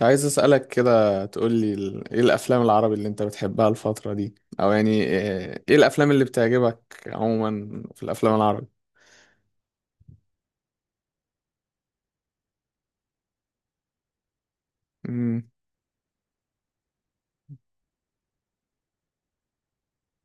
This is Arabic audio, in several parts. عايز أسألك كده تقولي ايه الأفلام العربي اللي انت بتحبها الفترة دي؟ أو يعني إيه الأفلام اللي بتعجبك عموما في الأفلام العربي؟ امم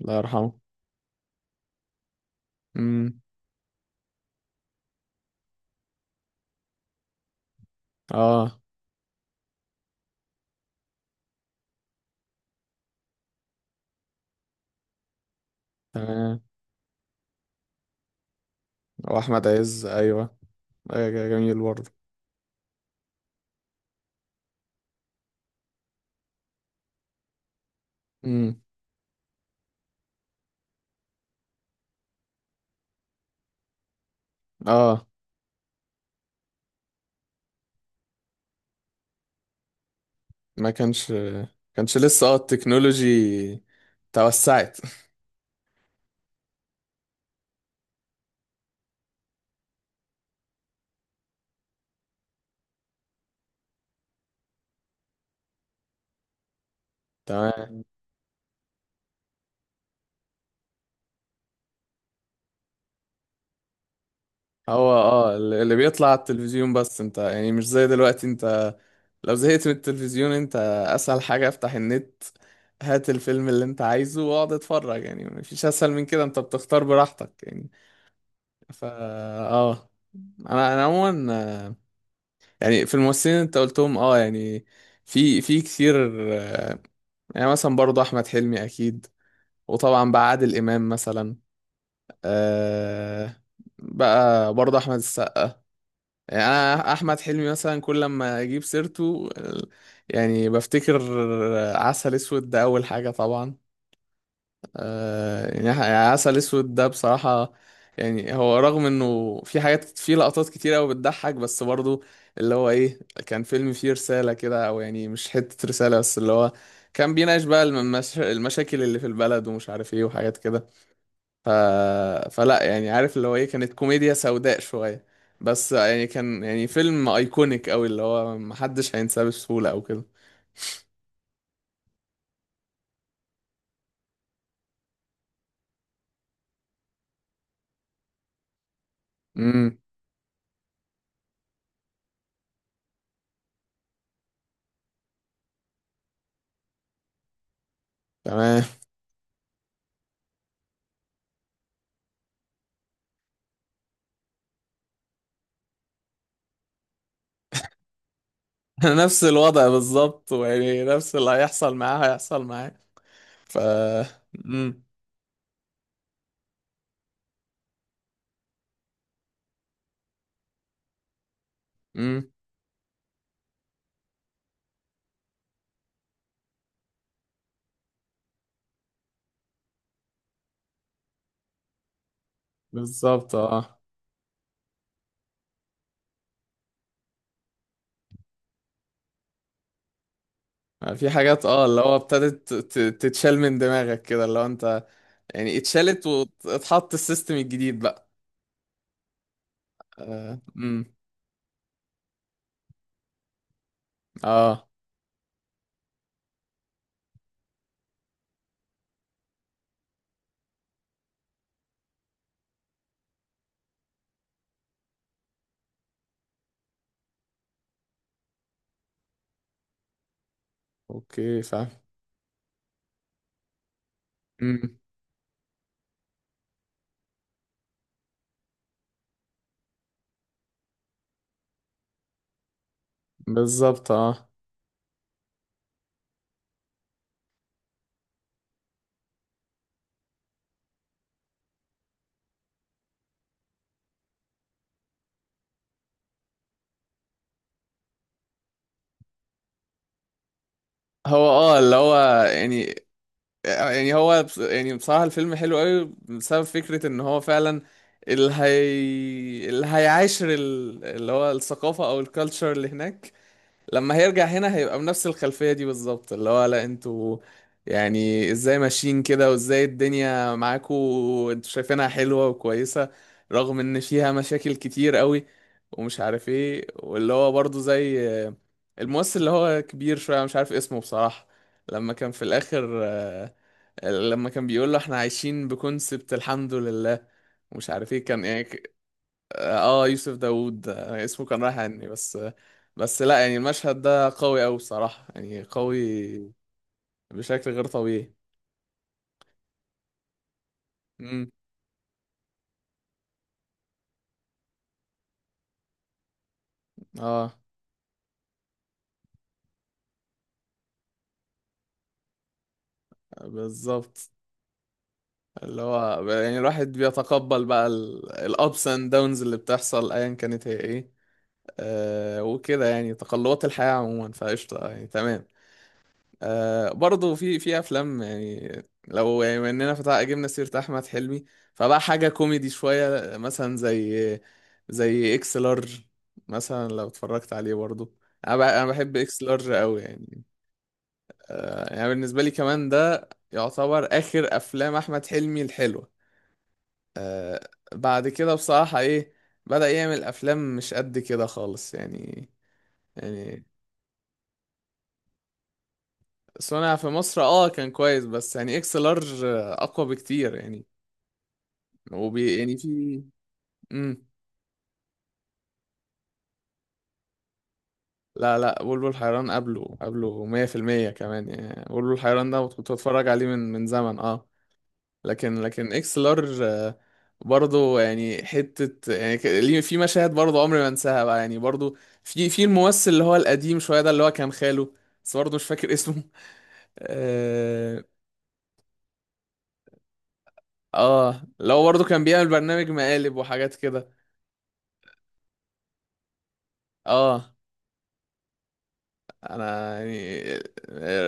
الله يرحمه. امم اه تمام. وأحمد عز، أيوه. أيوة، جميل برضه. امم اه ما كانش، كانش لسه التكنولوجي توسعت. تمام. هو اللي بيطلع على التلفزيون بس، انت يعني مش زي دلوقتي. انت لو زهقت من التلفزيون، انت اسهل حاجة افتح النت، هات الفيلم اللي انت عايزه واقعد اتفرج. يعني مفيش اسهل من كده، انت بتختار براحتك يعني. فا اه انا عموما، آه، يعني في الممثلين اللي انت قلتهم، يعني في كتير. آه، يعني مثلا برضه احمد حلمي اكيد، وطبعا بقى عادل امام مثلا. آه. بقى برضه احمد السقا. يعني انا احمد حلمي مثلا كل لما اجيب سيرته، يعني بفتكر عسل اسود ده اول حاجه طبعا. يعني عسل اسود ده بصراحه، يعني هو رغم انه في حاجات، في لقطات كتير قوي بتضحك، بس برضه اللي هو ايه، كان فيلم فيه رساله كده، او يعني مش حته رساله بس اللي هو كان بيناقش بقى المشاكل اللي في البلد ومش عارف ايه وحاجات كده. ف... فلا يعني عارف اللي هو ايه، كانت كوميديا سوداء شوية، بس يعني كان يعني فيلم ايكونيك قوي اللي هو محدش هينساه بسهولة او كده. امم تمام. نفس الوضع بالظبط، ويعني نفس اللي هيحصل معاه هيحصل معاه. ف امم امم بالظبط اه. يعني في حاجات، اللي هو ابتدت تتشال من دماغك كده، اللي هو انت يعني اتشالت واتحط السيستم الجديد بقى. امم اه مم. آه. اوكي، فاهم. امم بالظبط اه. هو اه اللي هو يعني يعني هو بص- يعني بصراحة الفيلم حلو قوي بسبب فكرة ان هو فعلا اللي هي اللي هيعاشر اللي هو الثقافة او الكالتشر اللي هناك، لما هيرجع هنا هيبقى بنفس الخلفية دي بالظبط. اللي هو لا، انتوا يعني ازاي ماشيين كده، وازاي الدنيا معاكوا وانتوا شايفينها حلوة وكويسة رغم ان فيها مشاكل كتير قوي ومش عارف ايه. واللي هو برضو زي الممثل اللي هو كبير شوية مش عارف اسمه بصراحة، لما كان في الآخر، لما كان بيقول له احنا عايشين بكونسبت الحمد لله ومش عارف ايه. كان يعني ك- اه يوسف داوود، آه، اسمه كان رايح عني بس. بس لا، يعني المشهد ده قوي أوي بصراحة، يعني قوي بشكل غير طبيعي. امم اه، بالظبط. اللي هو يعني الواحد بيتقبل بقى الابس اند داونز اللي بتحصل ايا كانت هي ايه. آه وكده، يعني تقلبات الحياة عموما. فقشطة يعني، تمام. آه، برضه في أفلام يعني، لو يعني بما إننا فتح جبنا سيرة أحمد حلمي، فبقى حاجة كوميدي شوية مثلا زي إكس لارج مثلا، لو اتفرجت عليه برضه. أنا بحب إكس لارج أوي يعني. آه، يعني بالنسبة لي كمان ده يعتبر آخر أفلام أحمد حلمي الحلوة. آه، بعد كده بصراحة إيه، بدأ يعمل أفلام مش قد كده خالص يعني. يعني صنع في مصر اه كان كويس، بس يعني اكس لارج اقوى بكتير يعني. وبي يعني في امم لا لا، بلبل حيران قبله، قبله 100% كمان يعني. بلبل حيران ده كنت بتفرج عليه من زمن اه. لكن اكس لارج، برضه يعني حتة، في مشاهد برضه عمري ما انساها بقى يعني. برضه في الممثل اللي هو القديم شوية ده، اللي هو كان خاله، بس برضه مش فاكر اسمه. اه. اللي هو برضه كان بيعمل برنامج مقالب وحاجات كده. اه انا يعني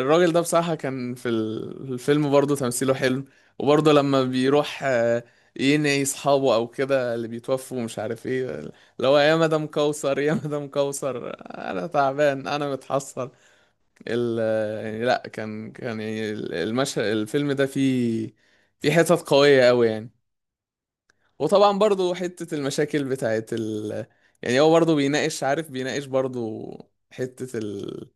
الراجل ده بصراحة كان في الفيلم برضه تمثيله حلو. وبرضه لما بيروح، ينعي اصحابه او كده، اللي بيتوفوا ومش عارف ايه، اللي هو يا مدام كوثر، يا مدام كوثر، انا تعبان، انا متحسر. ال يعني لا كان، كان يعني المشهد، الفيلم ده فيه حتت قوية قوي يعني. وطبعا برضو حتة المشاكل بتاعت ال، يعني هو برضو بيناقش، عارف، بيناقش برضو حتة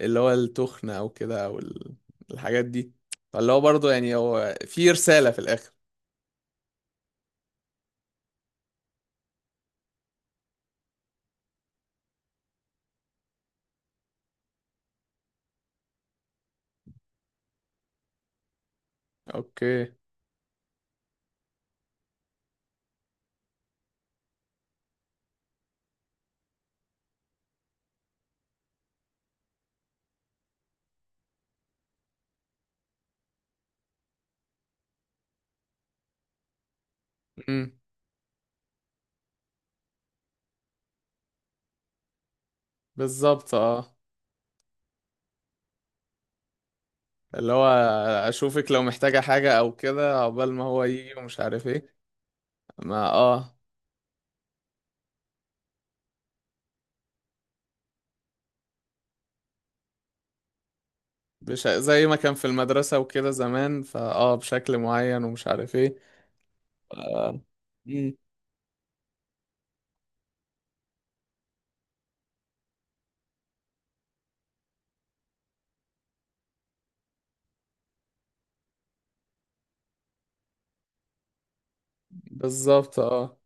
اللي هو التخن أو كده، أو الحاجات دي. فاللي هو برضو يعني هو في رسالة في الآخر. أوكي. امم بالظبط اه. اللي هو أشوفك لو محتاجة حاجة أو كده عقبال ما هو يجي ومش عارف ايه. ما اه بش... زي ما كان في المدرسة وكده زمان، فاه بشكل معين ومش عارف ايه. آه. مم. بالظبط اه.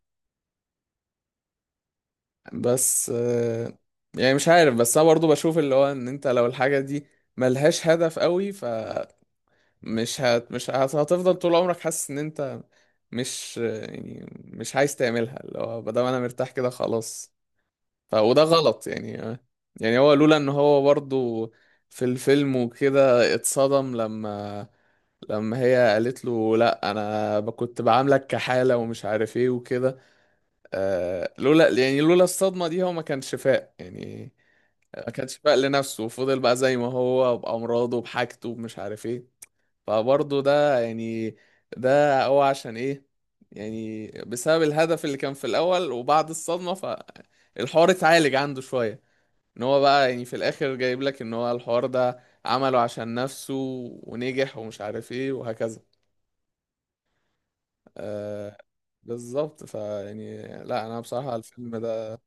بس يعني مش عارف، بس انا برضو بشوف اللي هو ان انت لو الحاجة دي ملهاش هدف قوي، فمش هت مش هت- هتفضل طول عمرك حاسس ان انت مش يعني مش عايز تعملها، اللي هو بدل ما انا مرتاح كده خلاص. وده غلط يعني. يعني هو لولا ان هو برضو في الفيلم وكده اتصدم، لما هي قالت له لا انا كنت بعاملك كحالة ومش عارف ايه وكده. آه لولا يعني لولا الصدمة دي هو ما كانش فاق يعني، ما كانش فاق لنفسه وفضل بقى زي ما هو بأمراضه بحاجته بمش عارف ايه. فبرضه ده يعني، ده هو عشان ايه؟ يعني بسبب الهدف اللي كان في الأول وبعد الصدمة، فالحوار اتعالج عنده شوية، ان هو بقى يعني في الآخر جايب لك ان هو الحوار ده عمله عشان نفسه، ونجح ومش عارف ايه وهكذا. آه، بالظبط. فيعني لا، انا بصراحة الفيلم ده.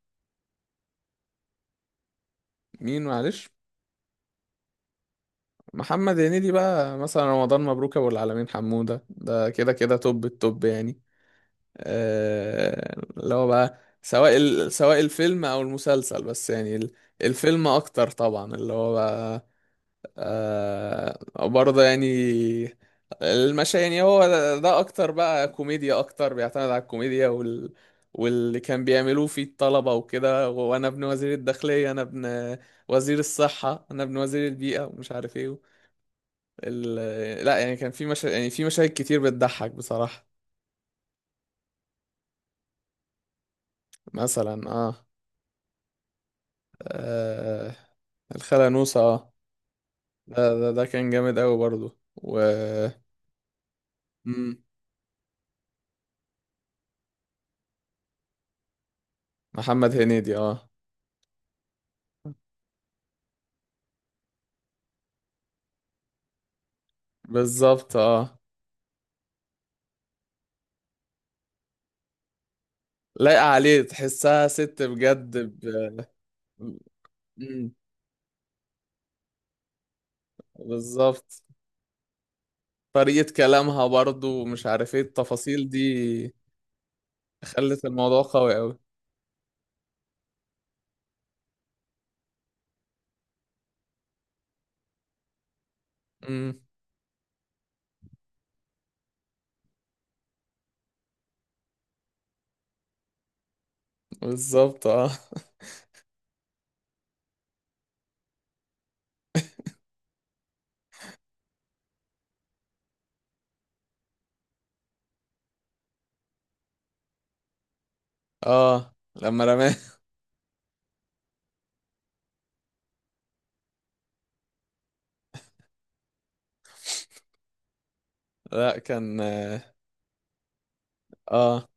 مين؟ معلش. محمد هنيدي بقى مثلا رمضان مبروك ابو العالمين حمودة ده كده كده توب التوب يعني. اللي هو بقى، سواء سواء الفيلم او المسلسل، بس يعني الفيلم اكتر طبعا اللي هو بقى، آه، برضه يعني المشا يعني هو ده اكتر بقى كوميديا، اكتر بيعتمد على الكوميديا وال، واللي كان بيعملوه فيه الطلبة وكده، وانا ابن وزير الداخلية، انا ابن وزير الصحة، انا ابن وزير البيئة ومش عارف ايه ال... لا يعني كان في مشاهد كتير بتضحك بصراحة. مثلا آه... الخالة نوسة اه. ده كان جامد قوي برضو، و مم. محمد هنيدي اه. بالظبط اه، لايقة عليه، تحسها ست بجد ب... مم. بالظبط، طريقة كلامها برضو ومش عارف ايه، التفاصيل دي خلت الموضوع قوي قوي. امم بالظبط اه. اه، لما رماه. لا كان اه. آه.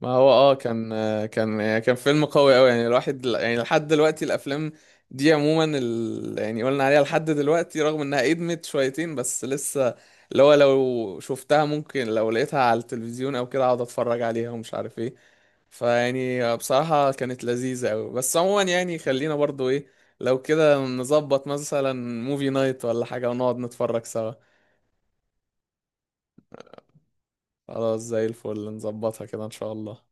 ما هو اه كان، كان يعني كان فيلم قوي قوي يعني. الواحد يعني لحد دلوقتي، الافلام دي عموما يعني قلنا عليها لحد دلوقتي رغم انها ادمت شويتين، بس لسه اللي هو لو شفتها ممكن، لو لقيتها على التلفزيون او كده، اقعد اتفرج عليها ومش عارف ايه. فيعني بصراحة كانت لذيذة قوي. بس عموما يعني، خلينا برضو ايه، لو كده نظبط مثلا موفي نايت ولا حاجة ونقعد نتفرج سوا. خلاص، زي الفل، نظبطها كده ان شاء الله.